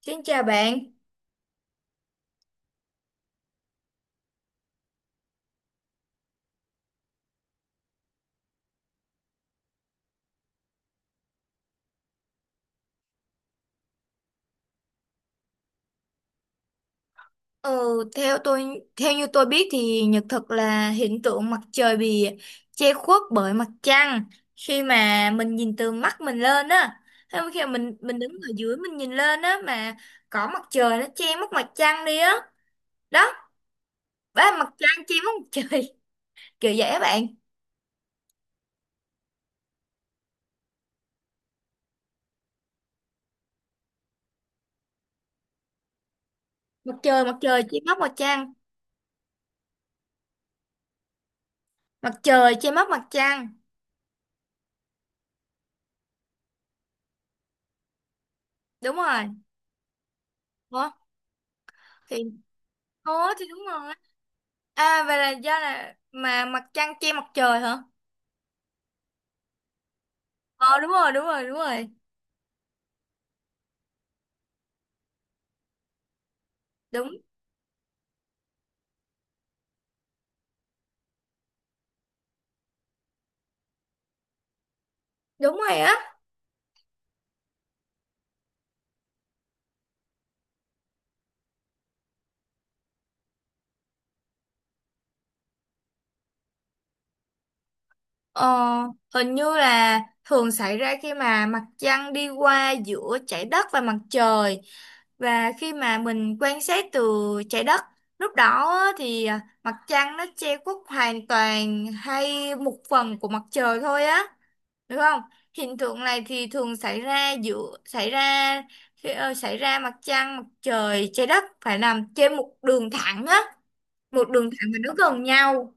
Xin chào bạn. Ờ, theo như tôi biết thì nhật thực là hiện tượng mặt trời bị che khuất bởi mặt trăng khi mà mình nhìn từ mắt mình lên á. Hay khi mà mình đứng ở dưới mình nhìn lên á mà có mặt trời nó che mất mặt trăng đi á. Đó, ba mặt trăng che mất mặt trời. Kiểu vậy á bạn. Mặt trời che mất mặt trăng. Mặt trời che mất mặt trăng. Đúng rồi. Ủa thì Ủa thì đúng rồi. À vậy là do là mà mặt trăng che mặt trời hả? Ờ đúng rồi, đúng rồi, đúng rồi. Đúng, đúng rồi á. Ờ, Hình như là thường xảy ra khi mà mặt trăng đi qua giữa trái đất và mặt trời và khi mà mình quan sát từ trái đất, lúc đó á, thì à, mặt trăng nó che khuất hoàn toàn hay một phần của mặt trời thôi á, được không? Hiện tượng này thì thường xảy ra giữa xảy ra khi ờ, xảy ra mặt trăng, mặt trời, trái đất phải nằm trên một đường thẳng á, một đường thẳng mà nó gần nhau,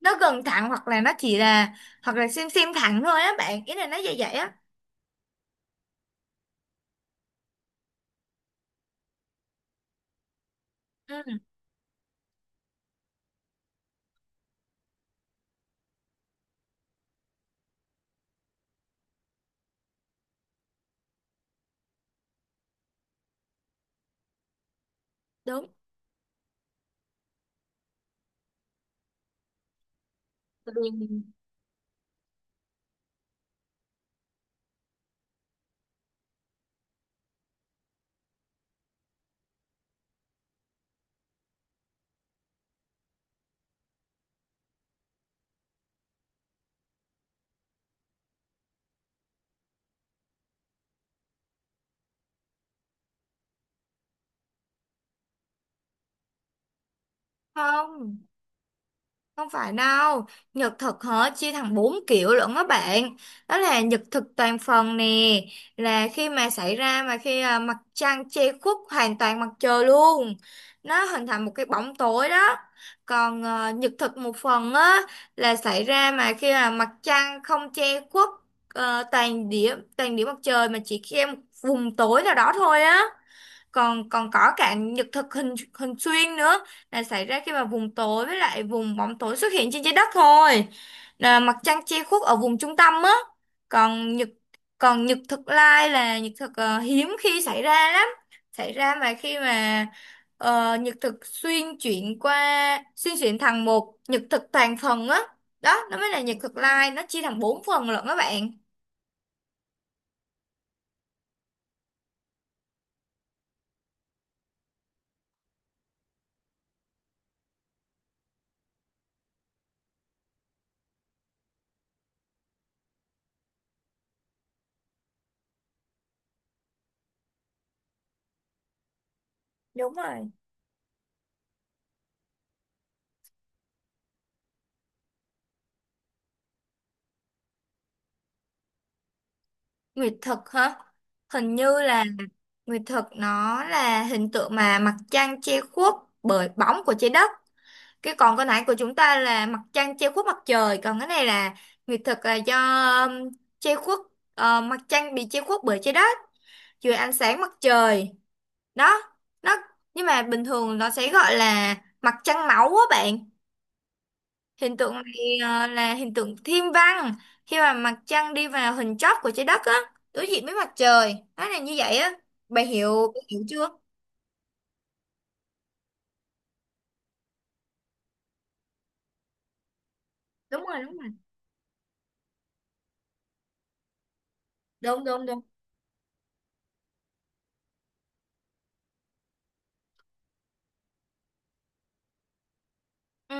nó gần thẳng hoặc là nó chỉ là, hoặc là xem thẳng thôi á, bạn ý là nó vậy vậy á. Ừ, đúng. Tại vì- Không. Không phải đâu, nhật thực hả, chia thành 4 kiểu lận á bạn. Đó là nhật thực toàn phần nè, là khi mà xảy ra, mà khi à, mặt trăng che khuất hoàn toàn mặt trời luôn. Nó hình thành một cái bóng tối đó. Còn à, nhật thực một phần á là xảy ra mà khi là mặt trăng không che khuất ờ, toàn điểm mặt trời mà chỉ che một vùng tối nào đó thôi á. Còn còn có cả nhật thực hình hình xuyên nữa, là xảy ra khi mà vùng tối với lại vùng bóng tối xuất hiện trên trái đất thôi, là mặt trăng che khuất ở vùng trung tâm á. còn nhật Còn nhật thực lai là nhật thực hiếm khi xảy ra lắm, xảy ra mà khi mà nhật thực xuyên chuyển thành một nhật thực toàn phần á, đó nó mới là nhật thực lai, nó chia thành 4 phần lận các bạn. Đúng rồi. Nguyệt thực hả? Hình như là nguyệt thực nó là hình tượng mà mặt trăng che khuất bởi bóng của trái đất. Cái còn cái nãy của chúng ta là mặt trăng che khuất mặt trời, còn cái này là nguyệt thực là do, um, che khuất ờ, mặt trăng bị che khuất bởi trái đất dưới ánh sáng mặt trời. Đó, nó nhưng mà bình thường nó sẽ gọi là mặt trăng máu á bạn. Hiện tượng này ờ, là hiện tượng thiên văn khi mà mặt trăng đi vào hình chóp của trái đất á, đối diện với mặt trời, nó là như vậy á, bạn hiểu bà hiểu chưa? Đúng rồi, đúng rồi. Đúng, đúng, đúng. Ừ,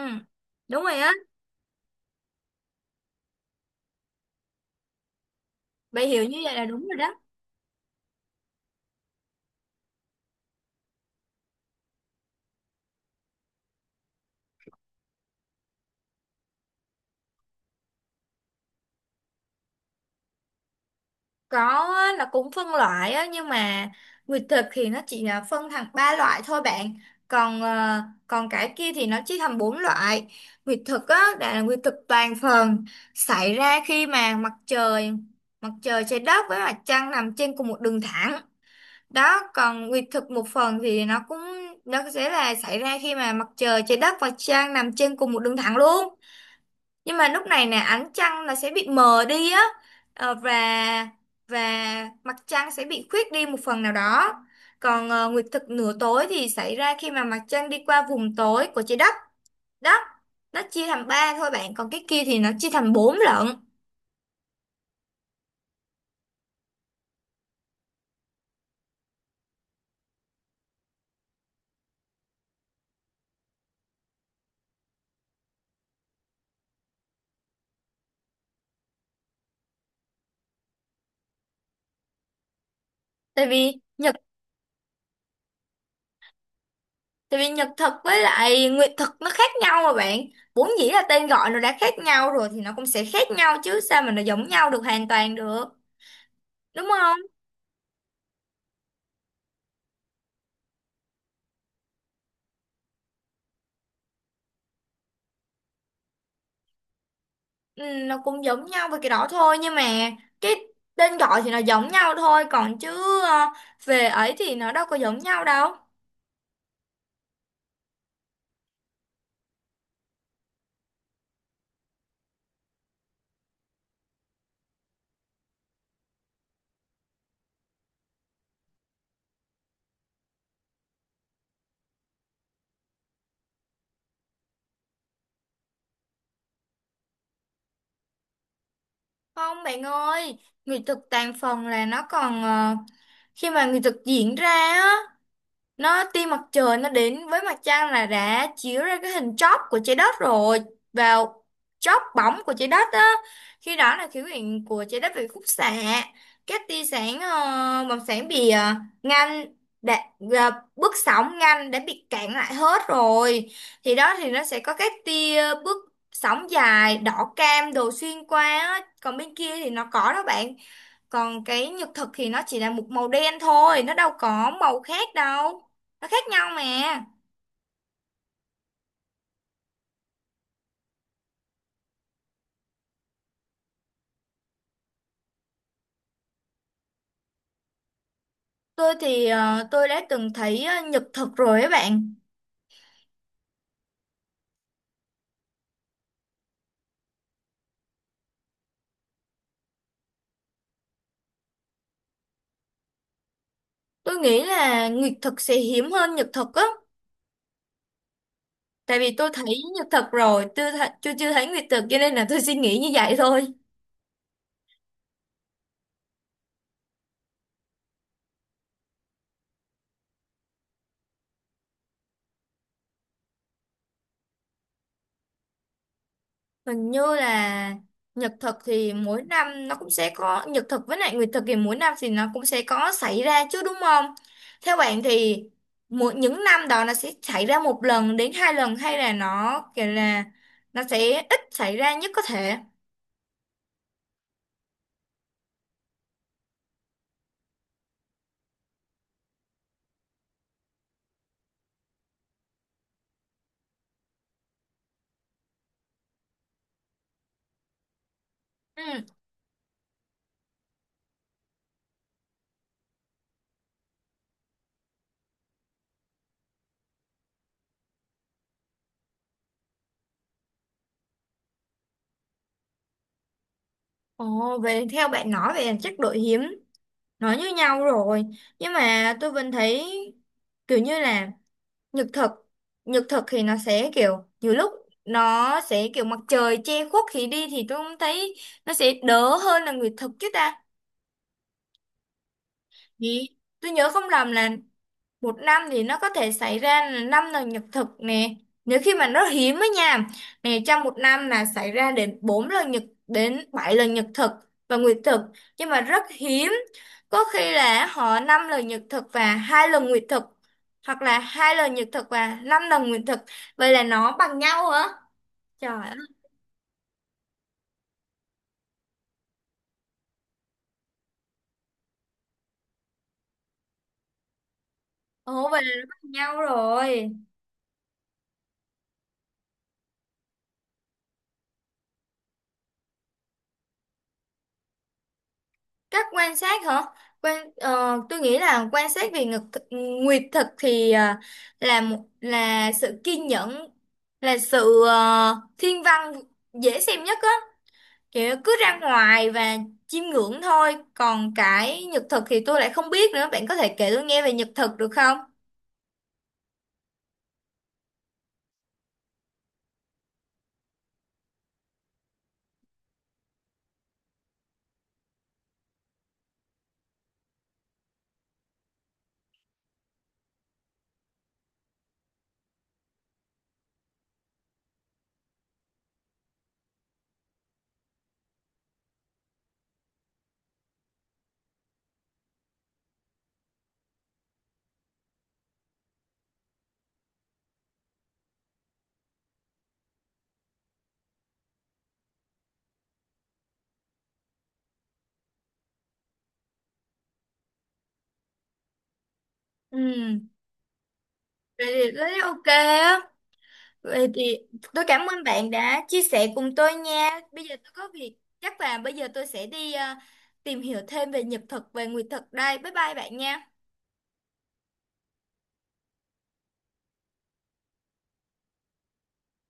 đúng rồi á. Bạn hiểu như vậy là đúng rồi đó. Có á, là cũng phân loại á, nhưng mà nguyệt thực thì nó chỉ là phân thành 3 loại thôi bạn. Còn ờ, còn cái kia thì nó chia thành 4 loại. Nguyệt thực á đã là nguyệt thực toàn phần xảy ra khi mà mặt trời trái đất với mặt trăng nằm trên cùng một đường thẳng. Đó, còn nguyệt thực một phần thì nó cũng, nó sẽ là xảy ra khi mà mặt trời trái đất và trăng nằm trên cùng một đường thẳng luôn, nhưng mà lúc này nè ánh trăng là sẽ bị mờ đi á. Ờ, và và mặt trăng sẽ bị khuyết đi một phần nào đó. Còn ờ, nguyệt thực nửa tối thì xảy ra khi mà mặt trăng đi qua vùng tối của trái đất đó, nó chia thành 3 thôi bạn, còn cái kia thì nó chia thành 4 lận. tại vì nhật Tại vì nhật thực với lại nguyệt thực nó khác nhau mà bạn, vốn dĩ là tên gọi nó đã khác nhau rồi thì nó cũng sẽ khác nhau chứ, sao mà nó giống nhau được hoàn toàn được, đúng không? Ừ, nó cũng giống nhau về cái đó thôi, nhưng mà cái tên gọi thì nó giống nhau thôi, còn chứ về ấy thì nó đâu có giống nhau đâu. Không bạn ơi, nghệ thuật tàn phần là nó còn ờ, khi mà nghệ thuật diễn ra á, nó tia mặt trời nó đến với mặt trăng là đã chiếu ra cái hình chóp của trái đất rồi, vào chóp bóng của trái đất á, khi đó là khí quyển của trái đất bị khúc xạ các tia sáng bằng sáng bị ngăn đã, bước sóng ngăn đã bị cản lại hết rồi, thì đó thì nó sẽ có các tia bước sóng dài đỏ cam đồ xuyên qua á, còn bên kia thì nó có đó bạn, còn cái nhật thực thì nó chỉ là một màu đen thôi, nó đâu có màu khác đâu, nó khác nhau mà. Tôi đã từng thấy nhật thực rồi ấy bạn. Tôi nghĩ là nguyệt thực sẽ hiếm hơn nhật thực á, tại vì tôi thấy nhật thực rồi, chưa chưa thấy nguyệt thực, cho nên là tôi suy nghĩ như vậy thôi. Hình như là nhật thực thì mỗi năm nó cũng sẽ có, nhật thực với lại nguyệt thực thì mỗi năm thì nó cũng sẽ có xảy ra chứ đúng không? Theo bạn thì mỗi những năm đó nó sẽ xảy ra 1 lần đến 2 lần, hay là nó kiểu là nó sẽ ít xảy ra nhất có thể. Ừ. Ồ, về theo bạn nói về chắc đội hiếm nó như nhau rồi. Nhưng mà tôi vẫn thấy kiểu như là nhật thực nhật thực thì nó sẽ kiểu nhiều lúc nó sẽ kiểu mặt trời che khuất thì đi, thì tôi cũng thấy nó sẽ đỡ hơn là nguyệt thực chứ ta, vì tôi nhớ không lầm là một năm thì nó có thể xảy ra là 5 lần nhật thực nè, nếu khi mà nó hiếm á nha, nè trong một năm là xảy ra đến 4 lần nhật, đến 7 lần nhật thực và nguyệt thực, nhưng mà rất hiếm, có khi là họ 5 lần nhật thực và 2 lần nguyệt thực, hoặc là 2 lần nhật thực và 5 lần nguyệt thực, vậy là nó bằng nhau hả, trời ơi. Ồ vậy là nó bằng nhau rồi. Cách quan sát hả? Tôi nghĩ là quan sát về ngực thực, nguyệt thực thì là một là sự kiên nhẫn, là sự thiên văn dễ xem nhất á, kiểu cứ ra ngoài và chiêm ngưỡng thôi. Còn cái nhật thực thì tôi lại không biết nữa. Bạn có thể kể tôi nghe về nhật thực được không? Ừ, vậy thì rất ok á. Vậy thì tôi cảm ơn bạn đã chia sẻ cùng tôi nha. Bây giờ tôi có việc, chắc là bây giờ tôi sẽ đi tìm hiểu thêm về nhật thực, về nguyệt thực đây. Bye bye bạn nha.